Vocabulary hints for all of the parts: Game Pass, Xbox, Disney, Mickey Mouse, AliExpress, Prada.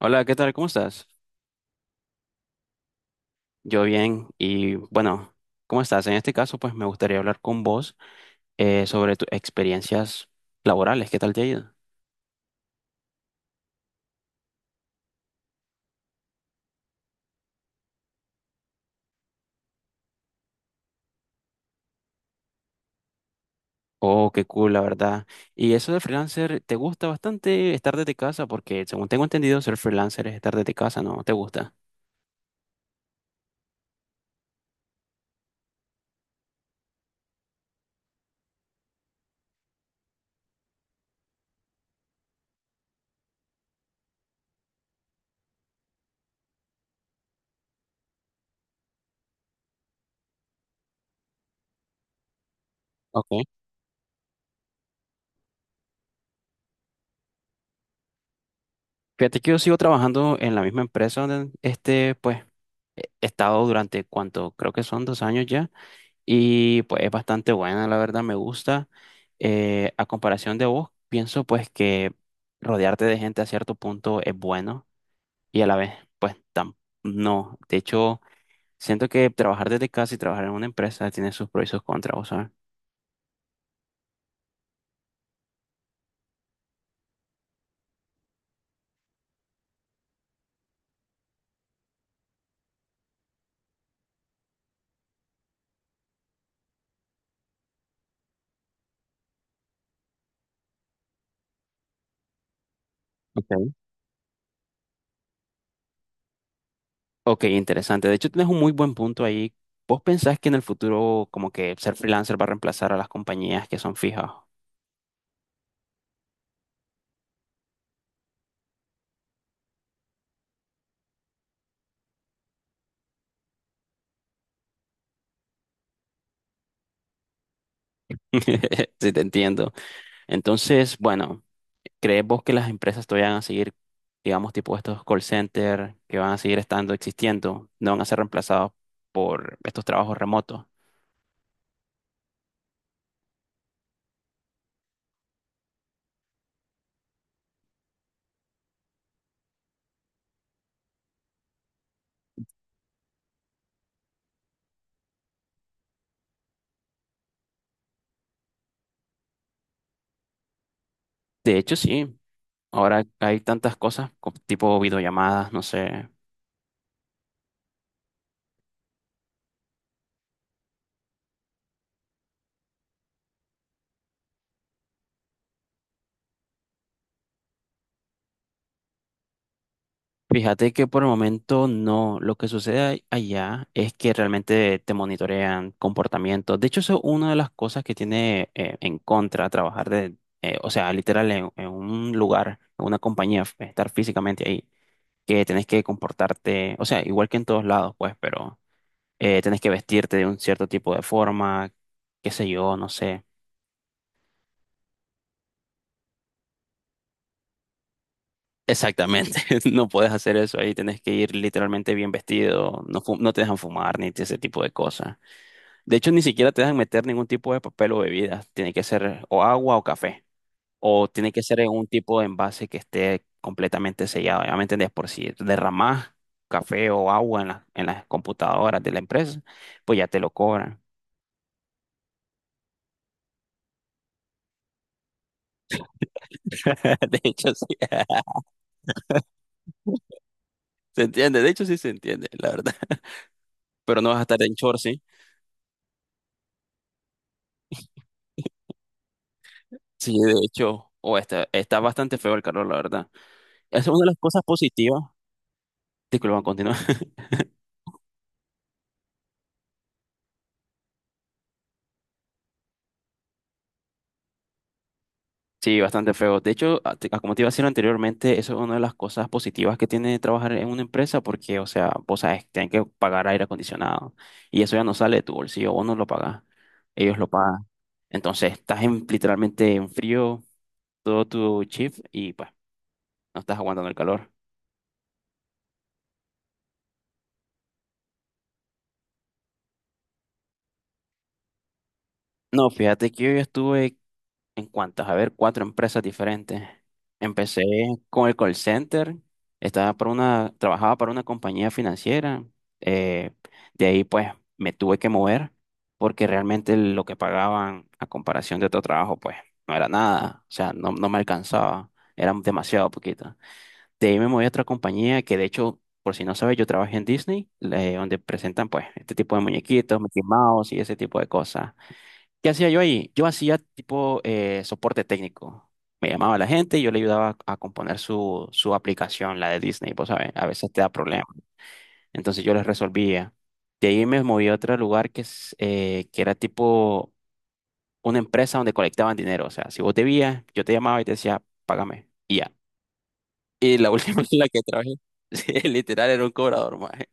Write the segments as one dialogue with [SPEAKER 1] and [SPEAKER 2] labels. [SPEAKER 1] Hola, ¿qué tal? ¿Cómo estás? Yo bien y bueno, ¿cómo estás? En este caso, pues me gustaría hablar con vos sobre tus experiencias laborales. ¿Qué tal te ha ido? Oh, qué cool, la verdad. Y eso de freelancer, ¿te gusta bastante estar desde casa? Porque según tengo entendido, ser freelancer es estar desde casa, ¿no? ¿Te gusta? Ok. Fíjate que yo sigo trabajando en la misma empresa donde pues, he estado durante cuánto, creo que son 2 años ya. Y pues es bastante buena, la verdad, me gusta. A comparación de vos, pienso pues que rodearte de gente a cierto punto es bueno y a la vez pues no. De hecho, siento que trabajar desde casa y trabajar en una empresa tiene sus pros y sus contras, ¿vos sabes? Ok. Ok, interesante. De hecho, tienes un muy buen punto ahí. ¿Vos pensás que en el futuro como que ser freelancer va a reemplazar a las compañías que son fijas? Sí, te entiendo. Entonces, bueno. ¿Crees vos que las empresas todavía van a seguir, digamos, tipo estos call centers que van a seguir estando, existiendo, no van a ser reemplazados por estos trabajos remotos? De hecho, sí. Ahora hay tantas cosas, tipo videollamadas, no sé. Fíjate que por el momento no. Lo que sucede allá es que realmente te monitorean comportamientos. De hecho, eso es una de las cosas que tiene en contra trabajar de, o sea, literal en un lugar, en una compañía, estar físicamente ahí. Que tenés que comportarte, o sea, igual que en todos lados, pues, pero tenés que vestirte de un cierto tipo de forma, qué sé yo, no sé. Exactamente, no puedes hacer eso ahí, tenés que ir literalmente bien vestido, no, no te dejan fumar ni ese tipo de cosas. De hecho, ni siquiera te dejan meter ningún tipo de papel o bebida, tiene que ser o agua o café, o tiene que ser en un tipo de envase que esté completamente sellado, ya me entendés, por si derramás café o agua en en las computadoras de la empresa, pues ya te lo cobran. De hecho, sí. Se entiende, de hecho, sí se entiende, la verdad. Pero no vas a estar en short, sí. Sí, de hecho, está bastante feo el calor, la verdad. Es una de las cosas positivas. Disculpa, continúa. Sí, bastante feo. De hecho, como te iba a decir anteriormente, eso es una de las cosas positivas que tiene trabajar en una empresa, porque, o sea, vos sabes, tienen que pagar aire acondicionado. Y eso ya no sale de tu bolsillo, vos no lo pagás. Ellos lo pagan. Entonces, estás en, literalmente en frío todo tu shift y pues no estás aguantando el calor. No, fíjate que yo ya estuve en cuantas, a ver, cuatro empresas diferentes. Empecé con el call center, estaba para una, trabajaba para una compañía financiera. eh, de ahí pues me tuve que mover porque realmente lo que pagaban a comparación de otro trabajo pues no era nada, o sea, no, no me alcanzaba, era demasiado poquito. De ahí me moví a otra compañía que de hecho, por si no sabes, yo trabajé en Disney, donde presentan pues este tipo de muñequitos, Mickey Mouse y ese tipo de cosas. ¿Qué hacía yo ahí? Yo hacía tipo soporte técnico. Me llamaba la gente y yo le ayudaba a componer su aplicación, la de Disney, pues, ¿sabes? A veces te da problemas. Entonces yo les resolvía. De ahí me moví a otro lugar que era tipo una empresa donde colectaban dinero. O sea, si vos debías, yo te llamaba y te decía, págame. Y ya. Y la última en la que trabajé, sí, literal, era un cobrador, maje.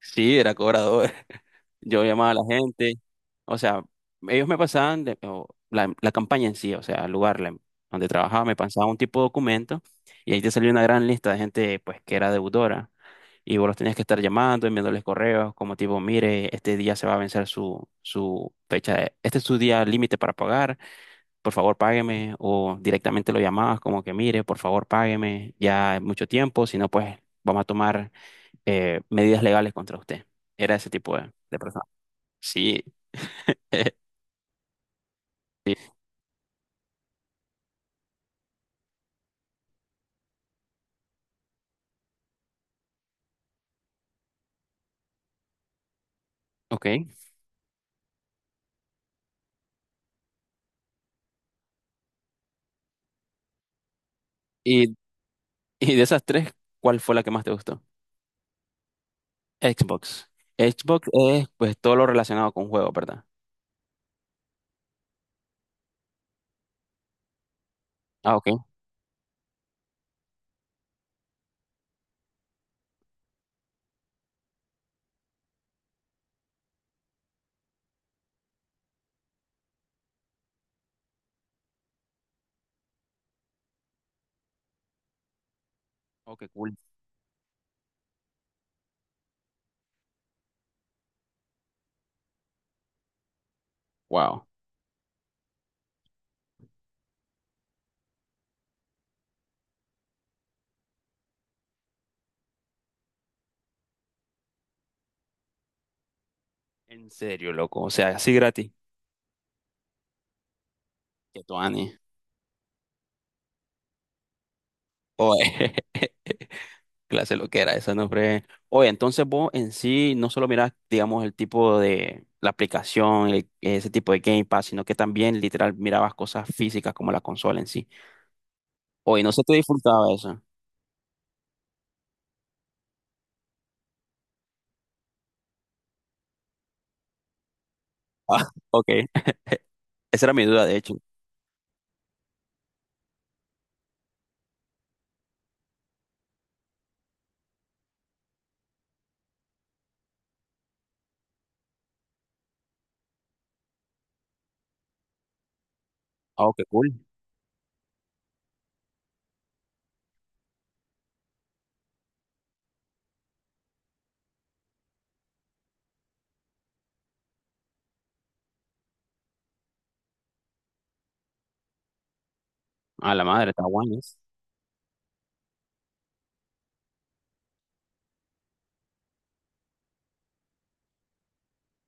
[SPEAKER 1] Sí, era cobrador. Yo llamaba a la gente, o sea, ellos me pasaban o la campaña en sí, o sea, el lugar donde trabajaba, me pasaban un tipo de documento y ahí te salía una gran lista de gente pues que era deudora y vos los tenías que estar llamando, enviándoles correos como tipo, mire, este día se va a vencer su fecha, este es su día límite para pagar, por favor págueme o directamente lo llamabas como que, mire, por favor págueme, ya es mucho tiempo, si no pues vamos a tomar medidas legales contra usted. Era ese tipo de personas. Sí. Ok. Y, y de esas tres, ¿cuál fue la que más te gustó? Xbox. Xbox es pues todo lo relacionado con juegos, ¿verdad? Ah, ok. Ok, cool. Wow. En serio, loco. O sea, así gratis. Que tu ani. Oye, clase lo que era esa, no fue. Oye, entonces vos en sí no solo mirás, digamos, el tipo de la aplicación, ese tipo de Game Pass, sino que también literal mirabas cosas físicas como la consola en sí. Oye, no se te disfrutaba eso. Ah, ok. Esa era mi duda, de hecho. Oh, qué cool. A la madre, está bueno, eso.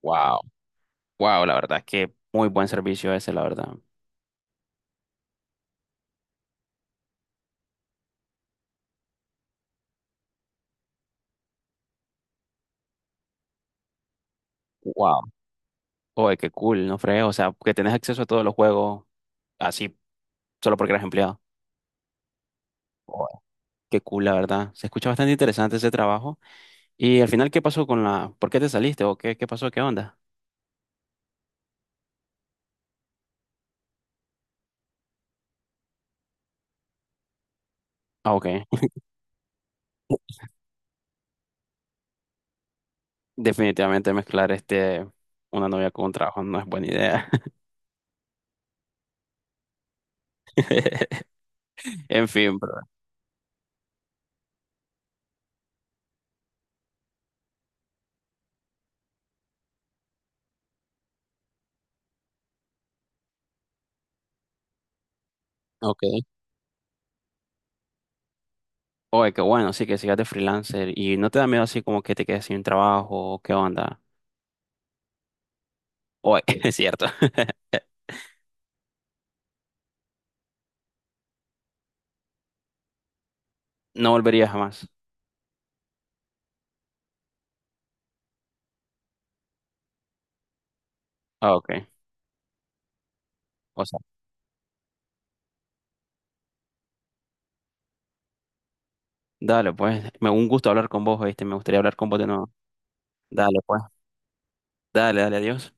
[SPEAKER 1] Wow. Wow, la verdad es que muy buen servicio ese, la verdad. Wow. Oye, qué cool, no fregues. O sea, que tenés acceso a todos los juegos así, solo porque eres empleado. Oye, qué cool, la verdad. Se escucha bastante interesante ese trabajo. Y al final, ¿qué pasó con la... ¿Por qué te saliste? ¿O qué pasó? ¿Qué onda? Ah, ok. Definitivamente mezclar una novia con un trabajo no es buena idea. En fin, bro. Ok. Oye, qué bueno, sí, que sigas de freelancer y no te da miedo así como que te quedes sin trabajo, ¿qué onda? Oye, es cierto, no volvería jamás. Ah, ok. O sea, dale, pues, me un gusto hablar con vos, ¿viste? Me gustaría hablar con vos de nuevo. Dale, pues, dale, dale, adiós.